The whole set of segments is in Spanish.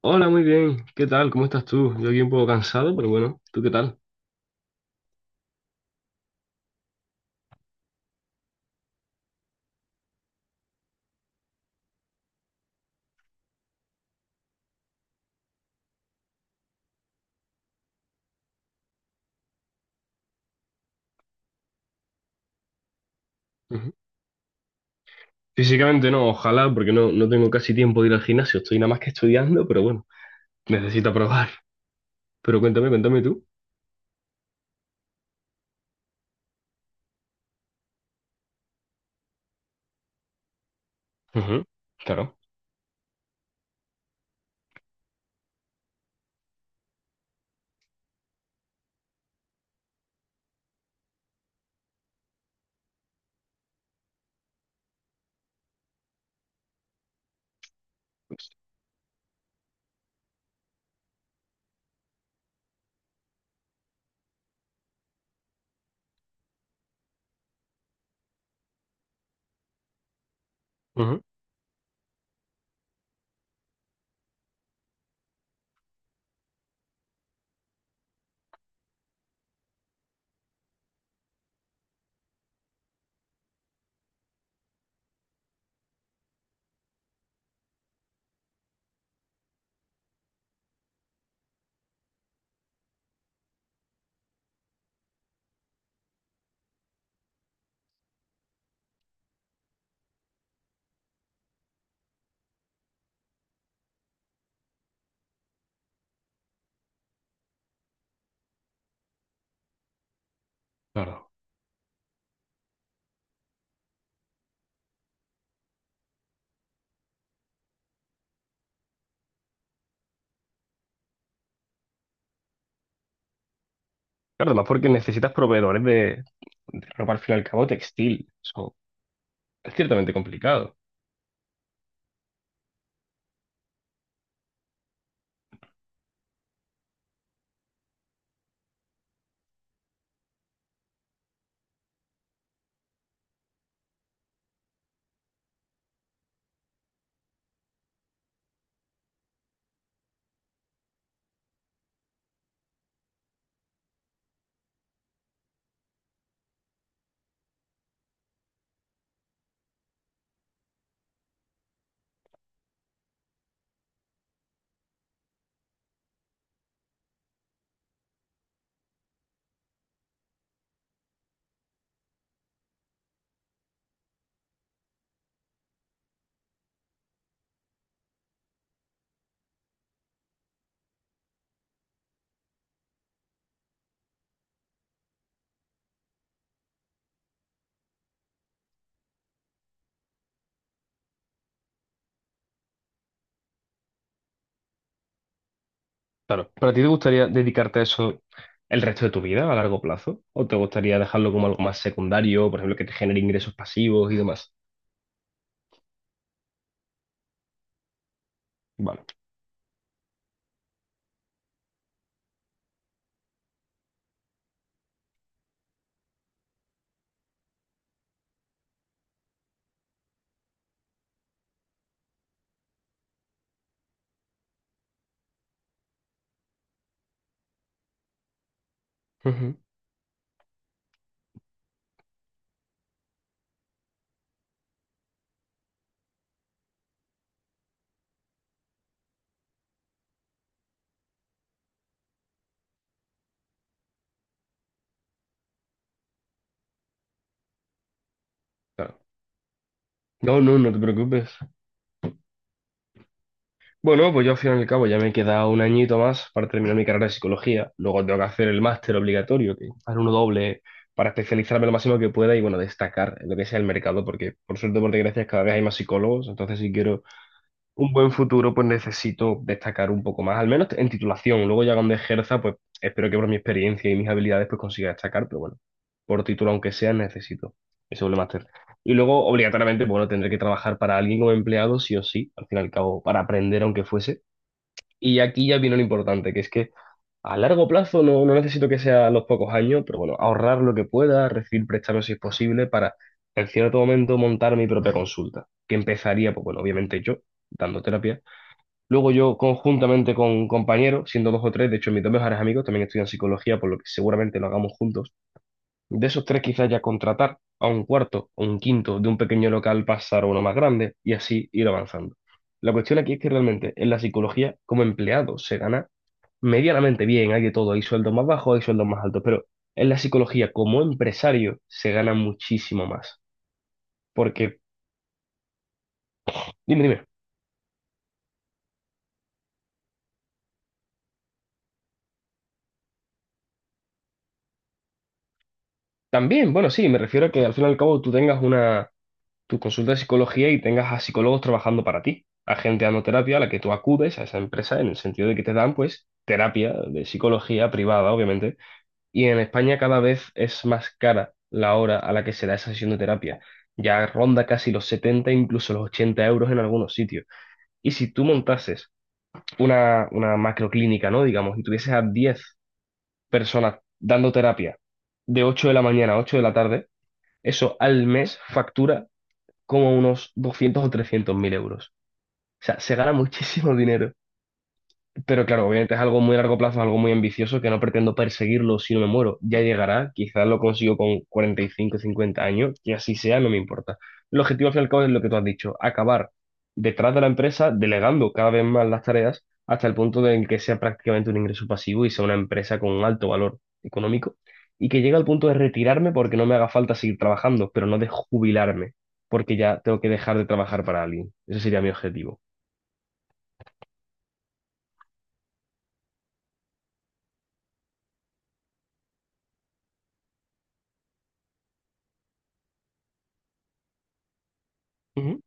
Hola, muy bien. ¿Qué tal? ¿Cómo estás tú? Yo aquí un poco cansado, pero bueno, ¿tú qué tal? Ujú. Físicamente no, ojalá, porque no, no tengo casi tiempo de ir al gimnasio. Estoy nada más que estudiando, pero bueno, necesito probar. Pero cuéntame, cuéntame tú. Ujú. Claro. Ujú. Claro. Claro, además porque necesitas proveedores de ropa al fin y al cabo textil. Eso es ciertamente complicado. Claro. ¿Para ti te gustaría dedicarte a eso el resto de tu vida a largo plazo? ¿O te gustaría dejarlo como algo más secundario, por ejemplo, que te genere ingresos pasivos y demás? Vale. Ujú. No, no, no te preocupes. Bueno, pues yo al final y al cabo ya me queda un añito más para terminar mi carrera de psicología. Luego tengo que hacer el máster obligatorio, que hacer uno doble para especializarme lo máximo que pueda y bueno, destacar en lo que sea el mercado, porque por suerte, o por desgracia, cada vez hay más psicólogos. Entonces, si quiero un buen futuro, pues necesito destacar un poco más, al menos en titulación. Luego ya cuando ejerza, pues espero que por mi experiencia y mis habilidades pues consiga destacar, pero bueno, por título aunque sea, necesito ese doble máster. Y luego, obligatoriamente, bueno, tendré que trabajar para alguien como empleado, sí o sí, al fin y al cabo, para aprender aunque fuese. Y aquí ya viene lo importante, que es que a largo plazo no, no necesito que sea a los pocos años, pero bueno, ahorrar lo que pueda, recibir préstamos si es posible, para en cierto momento montar mi propia consulta, que empezaría, pues bueno, obviamente yo, dando terapia. Luego yo conjuntamente con compañeros, siendo dos o tres, de hecho mis dos mejores amigos también estudian psicología, por lo que seguramente lo hagamos juntos. De esos tres quizás ya contratar a un cuarto o un quinto, de un pequeño local pasar a uno más grande y así ir avanzando. La cuestión aquí es que realmente en la psicología como empleado se gana medianamente bien, hay de todo, hay sueldos más bajos, hay sueldos más altos, pero en la psicología como empresario se gana muchísimo más. Porque, dime, dime, también, bueno, sí, me refiero a que al fin y al cabo tú tengas una tu consulta de psicología y tengas a psicólogos trabajando para ti, a gente dando terapia a la que tú acudes a esa empresa en el sentido de que te dan pues terapia de psicología privada, obviamente, y en España cada vez es más cara la hora a la que se da esa sesión de terapia. Ya ronda casi los 70, incluso los 80 euros en algunos sitios. Y si tú montases una macroclínica, ¿no? Digamos, y tuvieses a 10 personas dando terapia de 8 de la mañana a 8 de la tarde, eso al mes factura como unos 200.000 o 300.000 euros. O sea, se gana muchísimo dinero. Pero claro, obviamente es algo muy a largo plazo, es algo muy ambicioso que no pretendo perseguirlo si no me muero. Ya llegará, quizás lo consigo con 45, 50 años, que así sea, no me importa. El objetivo al fin y al cabo es lo que tú has dicho, acabar detrás de la empresa, delegando cada vez más las tareas hasta el punto de en que sea prácticamente un ingreso pasivo y sea una empresa con un alto valor económico y que llegue al punto de retirarme porque no me haga falta seguir trabajando, pero no de jubilarme, porque ya tengo que dejar de trabajar para alguien. Ese sería mi objetivo. Ujú.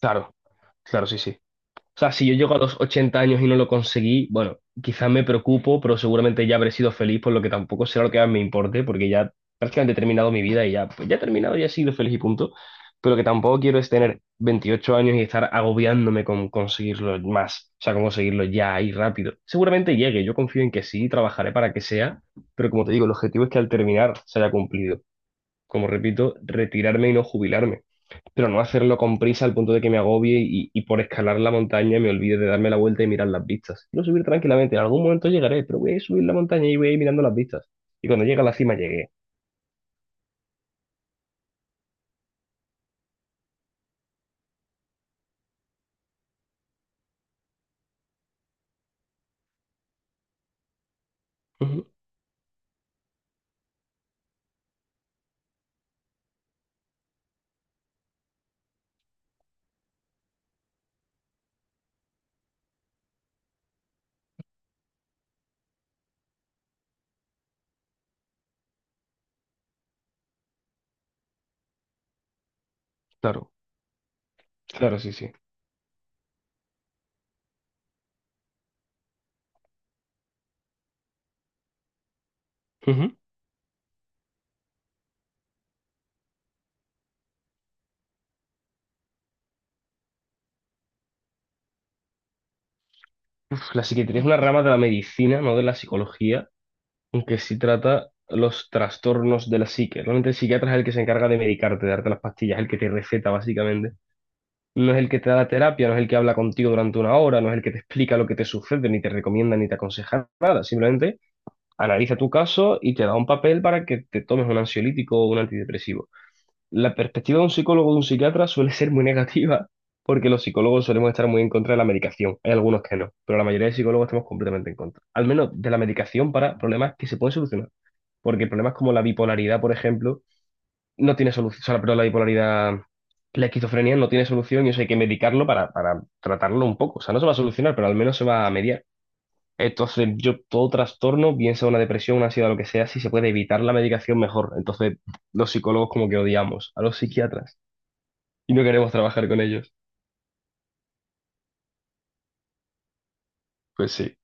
Claro, claro, sí, sí. O sea, si yo llego a los 80 años y no lo conseguí, bueno, quizás me preocupo, pero seguramente ya habré sido feliz, por lo que tampoco será lo que más me importe, porque ya prácticamente he terminado mi vida y ya, pues ya he terminado, ya he sido feliz y punto. Pero lo que tampoco quiero es tener 28 años y estar agobiándome con conseguirlo más, o sea, con conseguirlo ya y rápido. Seguramente llegue, yo confío en que sí, trabajaré para que sea, pero como te digo, el objetivo es que al terminar se haya cumplido. Como repito, retirarme y no jubilarme, pero no hacerlo con prisa al punto de que me agobie y por escalar la montaña me olvide de darme la vuelta y mirar las vistas. Quiero subir tranquilamente, en algún momento llegaré, pero voy a subir la montaña y voy a ir mirando las vistas. Y cuando llegue a la cima, llegué. Ujú. Claro, claro, sí, sí. Ujú. La psiquiatría es una rama de la medicina, no de la psicología, aunque sí trata los trastornos de la psique. Realmente el psiquiatra es el que se encarga de medicarte, de darte las pastillas, el que te receta básicamente. No es el que te da la terapia, no es el que habla contigo durante una hora, no es el que te explica lo que te sucede, ni te recomienda, ni te aconseja nada. Simplemente analiza tu caso y te da un papel para que te tomes un ansiolítico o un antidepresivo. La perspectiva de un psicólogo o de un psiquiatra suele ser muy negativa porque los psicólogos solemos estar muy en contra de la medicación. Hay algunos que no, pero la mayoría de psicólogos estamos completamente en contra. Al menos de la medicación para problemas que se pueden solucionar. Porque problemas como la bipolaridad, por ejemplo, no tiene solución. O sea, pero la bipolaridad, la esquizofrenia no tiene solución y eso hay que medicarlo para tratarlo un poco. O sea, no se va a solucionar, pero al menos se va a mediar. Entonces, yo todo trastorno, bien sea una depresión, una ansiedad, lo que sea, si se puede evitar la medicación, mejor. Entonces, los psicólogos como que odiamos a los psiquiatras y no queremos trabajar con ellos. Pues sí.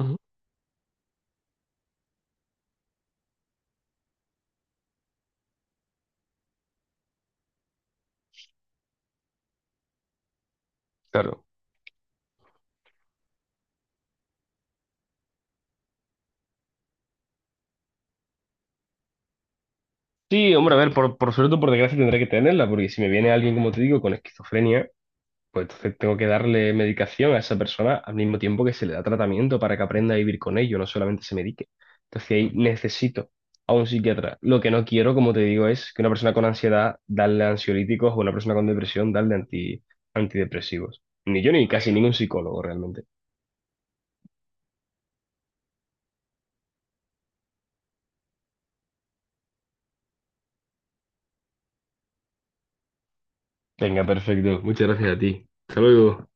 Ujú. Claro. Sí, hombre, a ver, por suerte o por desgracia tendré que tenerla, porque si me viene alguien, como te digo, con esquizofrenia, pues entonces tengo que darle medicación a esa persona al mismo tiempo que se le da tratamiento para que aprenda a vivir con ello, no solamente se medique. Entonces ahí necesito a un psiquiatra. Lo que no quiero, como te digo, es que una persona con ansiedad darle ansiolíticos o una persona con depresión darle antidepresivos. Ni yo ni casi ningún psicólogo realmente. Venga, perfecto. Muchas gracias a ti. Hasta luego.